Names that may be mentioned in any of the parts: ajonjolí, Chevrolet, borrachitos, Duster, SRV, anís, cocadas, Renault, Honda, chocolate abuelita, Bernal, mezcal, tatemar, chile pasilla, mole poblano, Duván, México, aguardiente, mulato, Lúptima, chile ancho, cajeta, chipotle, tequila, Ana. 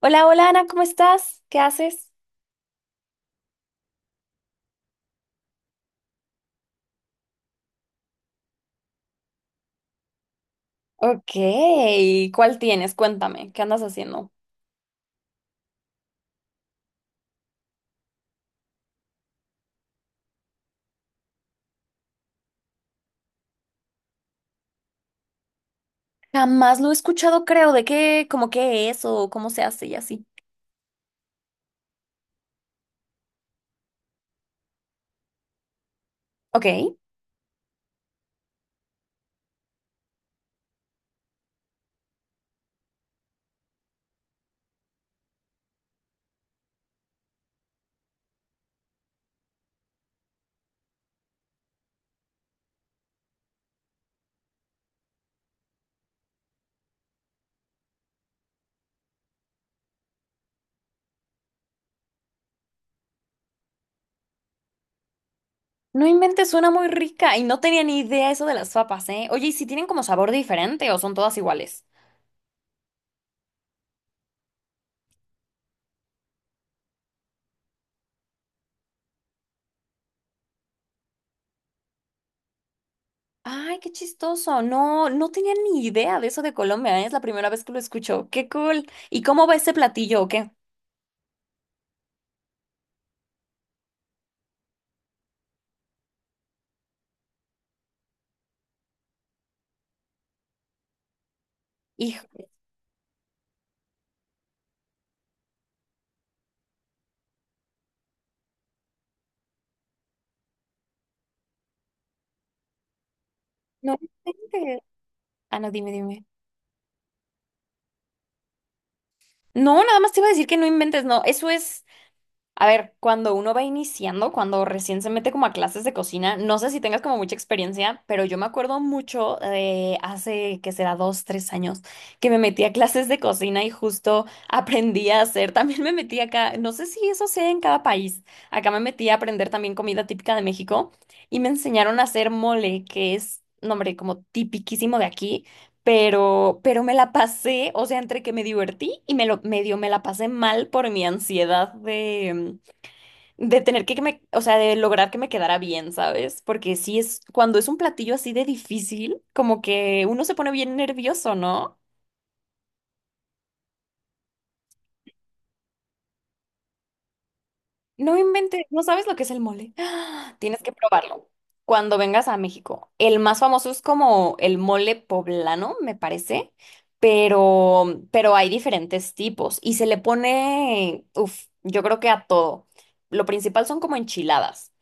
Hola, hola Ana, ¿cómo estás? ¿Qué haces? Ok, ¿cuál tienes? Cuéntame, ¿qué andas haciendo? Jamás lo he escuchado, creo, de qué, como qué es o cómo se hace y así. Ok. No inventes, suena muy rica y no tenía ni idea eso de las papas, ¿eh? Oye, ¿y si tienen como sabor diferente o son todas iguales? Ay, qué chistoso. No, no tenía ni idea de eso de Colombia, ¿eh? Es la primera vez que lo escucho. Qué cool. ¿Y cómo va ese platillo o qué? Hijo, no inventes. Ah, no, dime, dime. No, nada más te iba a decir que no inventes, no. Eso es. A ver, cuando uno va iniciando, cuando recién se mete como a clases de cocina, no sé si tengas como mucha experiencia, pero yo me acuerdo mucho de hace, que será dos, tres años, que me metí a clases de cocina y justo aprendí a hacer, también me metí acá, no sé si eso sea en cada país, acá me metí a aprender también comida típica de México y me enseñaron a hacer mole, que es, no, hombre, como tipiquísimo de aquí, pero me la pasé, o sea, entre que me divertí y me lo, medio me la pasé mal por mi ansiedad de de tener que me, o sea, de lograr que me quedara bien, ¿sabes? Porque sí es, cuando es un platillo así de difícil, como que uno se pone bien nervioso, ¿no? No inventes, no sabes lo que es el mole. ¡Ah! Tienes que probarlo cuando vengas a México. El más famoso es como el mole poblano, me parece, pero hay diferentes tipos y se le pone, uff, yo creo que a todo. Lo principal son como enchiladas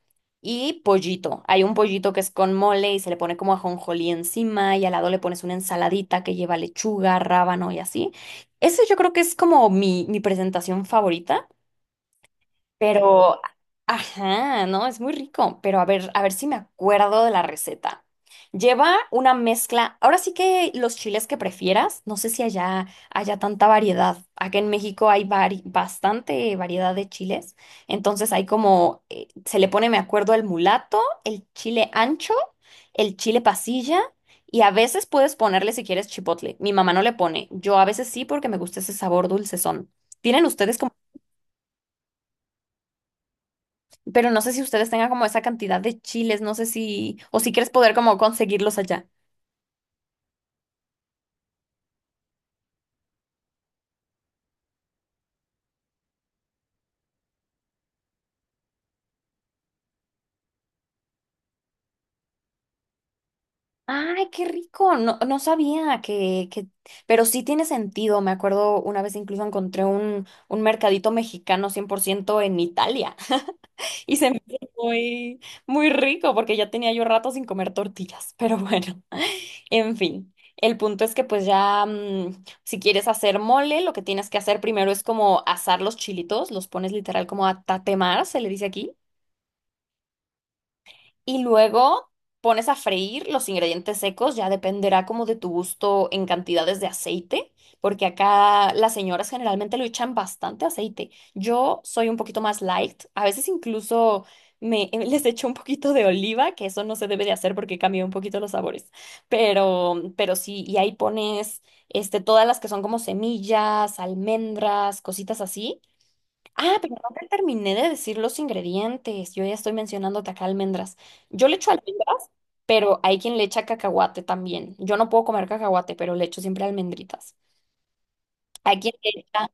y pollito. Hay un pollito que es con mole y se le pone como ajonjolí encima y al lado le pones una ensaladita que lleva lechuga, rábano y así. Ese yo creo que es como mi presentación favorita. Pero, ajá, no, es muy rico. Pero a ver si me acuerdo de la receta. Lleva una mezcla. Ahora sí que los chiles que prefieras, no sé si allá haya tanta variedad. Acá en México hay bastante variedad de chiles. Entonces hay como, se le pone, me acuerdo, el mulato, el chile ancho, el chile pasilla. Y a veces puedes ponerle si quieres chipotle. Mi mamá no le pone. Yo a veces sí porque me gusta ese sabor dulcezón. ¿Tienen ustedes como? Pero no sé si ustedes tengan como esa cantidad de chiles, no sé si, o si quieres poder como conseguirlos allá. Ay, qué rico, no, no sabía que, pero sí tiene sentido, me acuerdo una vez incluso encontré un mercadito mexicano 100% en Italia y se me hizo muy, muy rico porque ya tenía yo rato sin comer tortillas, pero bueno, en fin. El punto es que pues ya, si quieres hacer mole, lo que tienes que hacer primero es como asar los chilitos, los pones literal como a tatemar, se le dice aquí. Y luego pones a freír los ingredientes secos, ya dependerá como de tu gusto en cantidades de aceite, porque acá las señoras generalmente lo echan bastante aceite. Yo soy un poquito más light, a veces incluso me les echo un poquito de oliva, que eso no se debe de hacer porque cambia un poquito los sabores. Pero sí, y ahí pones este todas las que son como semillas, almendras, cositas así. Ah, pero no te terminé de decir los ingredientes. Yo ya estoy mencionándote acá almendras. Yo le echo almendras, pero hay quien le echa cacahuate también. Yo no puedo comer cacahuate, pero le echo siempre almendritas. Hay quien le echa.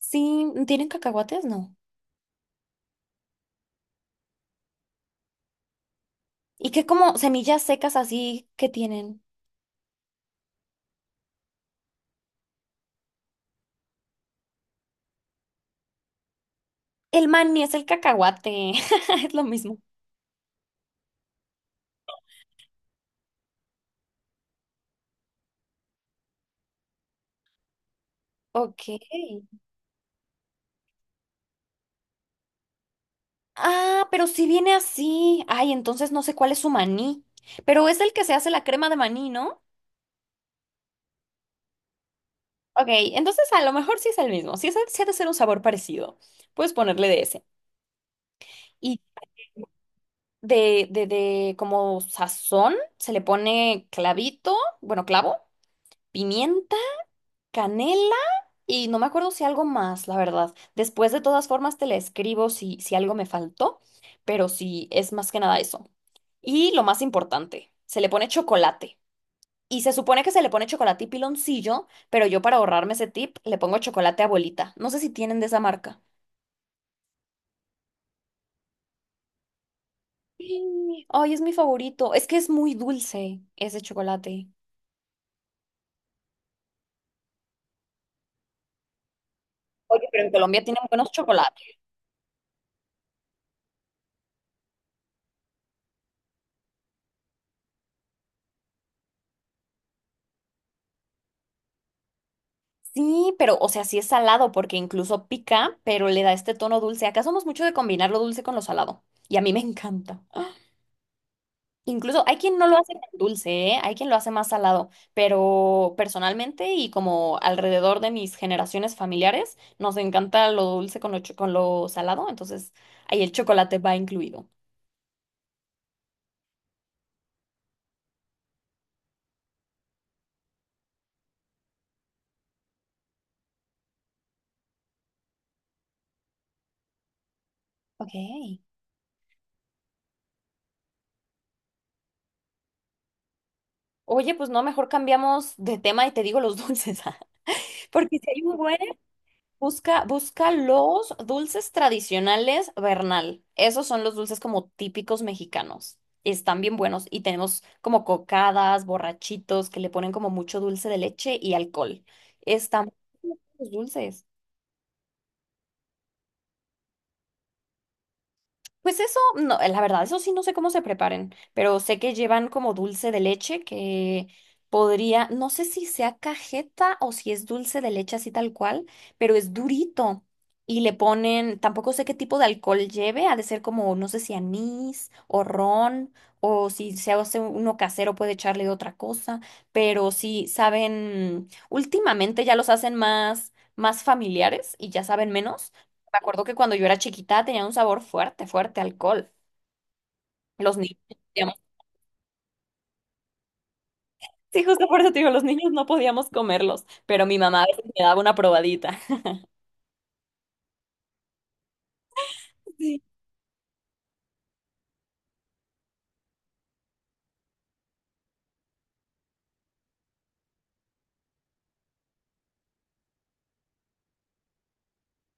Sí, ¿tienen cacahuates? No. ¿Y qué como semillas secas así que tienen? El maní es el cacahuate. Es lo mismo. Ok. Ah, pero si viene así. Ay, entonces no sé cuál es su maní. Pero es el que se hace la crema de maní, ¿no? Ok, entonces a lo mejor sí es el mismo. Si es, si ha de ser un sabor parecido, puedes ponerle de ese. Y de como sazón, se le pone clavito, bueno, clavo, pimienta, canela y no me acuerdo si algo más, la verdad. Después de todas formas te le escribo si, si algo me faltó, pero sí es más que nada eso. Y lo más importante, se le pone chocolate. Y se supone que se le pone chocolate y piloncillo, pero yo para ahorrarme ese tip le pongo chocolate abuelita. No sé si tienen de esa marca. Sí. Ay, es mi favorito. Es que es muy dulce ese chocolate. Oye, pero en Colombia tienen buenos chocolates. Sí, pero, o sea, sí es salado porque incluso pica, pero le da este tono dulce. Acá somos mucho de combinar lo dulce con lo salado. Y a mí me encanta. ¡Ah! Incluso hay quien no lo hace tan dulce, ¿eh? Hay quien lo hace más salado. Pero personalmente y como alrededor de mis generaciones familiares, nos encanta lo dulce con lo, con lo salado. Entonces, ahí el chocolate va incluido. Ok. Oye, pues no, mejor cambiamos de tema y te digo los dulces, porque si hay un buen, busca, busca los dulces tradicionales Bernal. Esos son los dulces como típicos mexicanos. Están bien buenos y tenemos como cocadas, borrachitos, que le ponen como mucho dulce de leche y alcohol. Están muy buenos los dulces. Pues eso, no, la verdad, eso sí no sé cómo se preparen, pero sé que llevan como dulce de leche que podría, no sé si sea cajeta o si es dulce de leche así tal cual, pero es durito y le ponen, tampoco sé qué tipo de alcohol lleve, ha de ser como, no sé si anís o ron o si se hace uno casero puede echarle otra cosa, pero sí saben, últimamente ya los hacen más, más familiares y ya saben menos. Me acuerdo que cuando yo era chiquita tenía un sabor fuerte, fuerte, a alcohol. Los niños, no. Sí, justo por eso te digo, los niños no podíamos comerlos, pero mi mamá a veces me daba una probadita. Sí.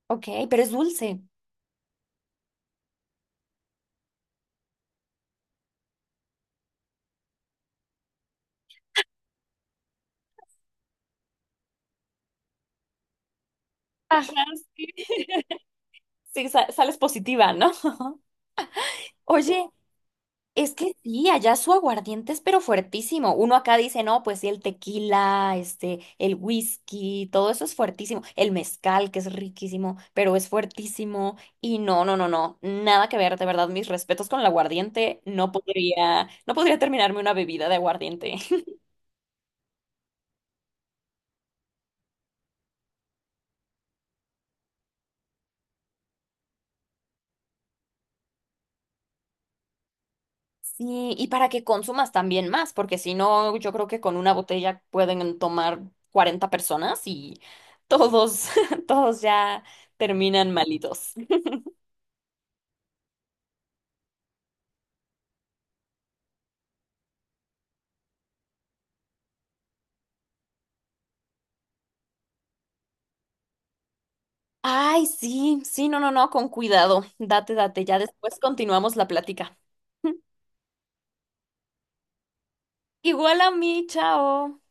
Ok, pero es dulce. Ajá, sí. Sí, sales positiva, ¿no? Oye, es que sí, allá su aguardiente es pero fuertísimo. Uno acá dice, no, pues sí, el tequila, este, el whisky, todo eso es fuertísimo. El mezcal, que es riquísimo, pero es fuertísimo. Y no, no, no, no, nada que ver, de verdad, mis respetos con el aguardiente. No podría terminarme una bebida de aguardiente. Sí, y para que consumas también más, porque si no, yo creo que con una botella pueden tomar 40 personas y todos, todos ya terminan malitos. Ay, sí, sí, no, no, no, con cuidado. Date, date, ya después continuamos la plática. Igual a mí, chao.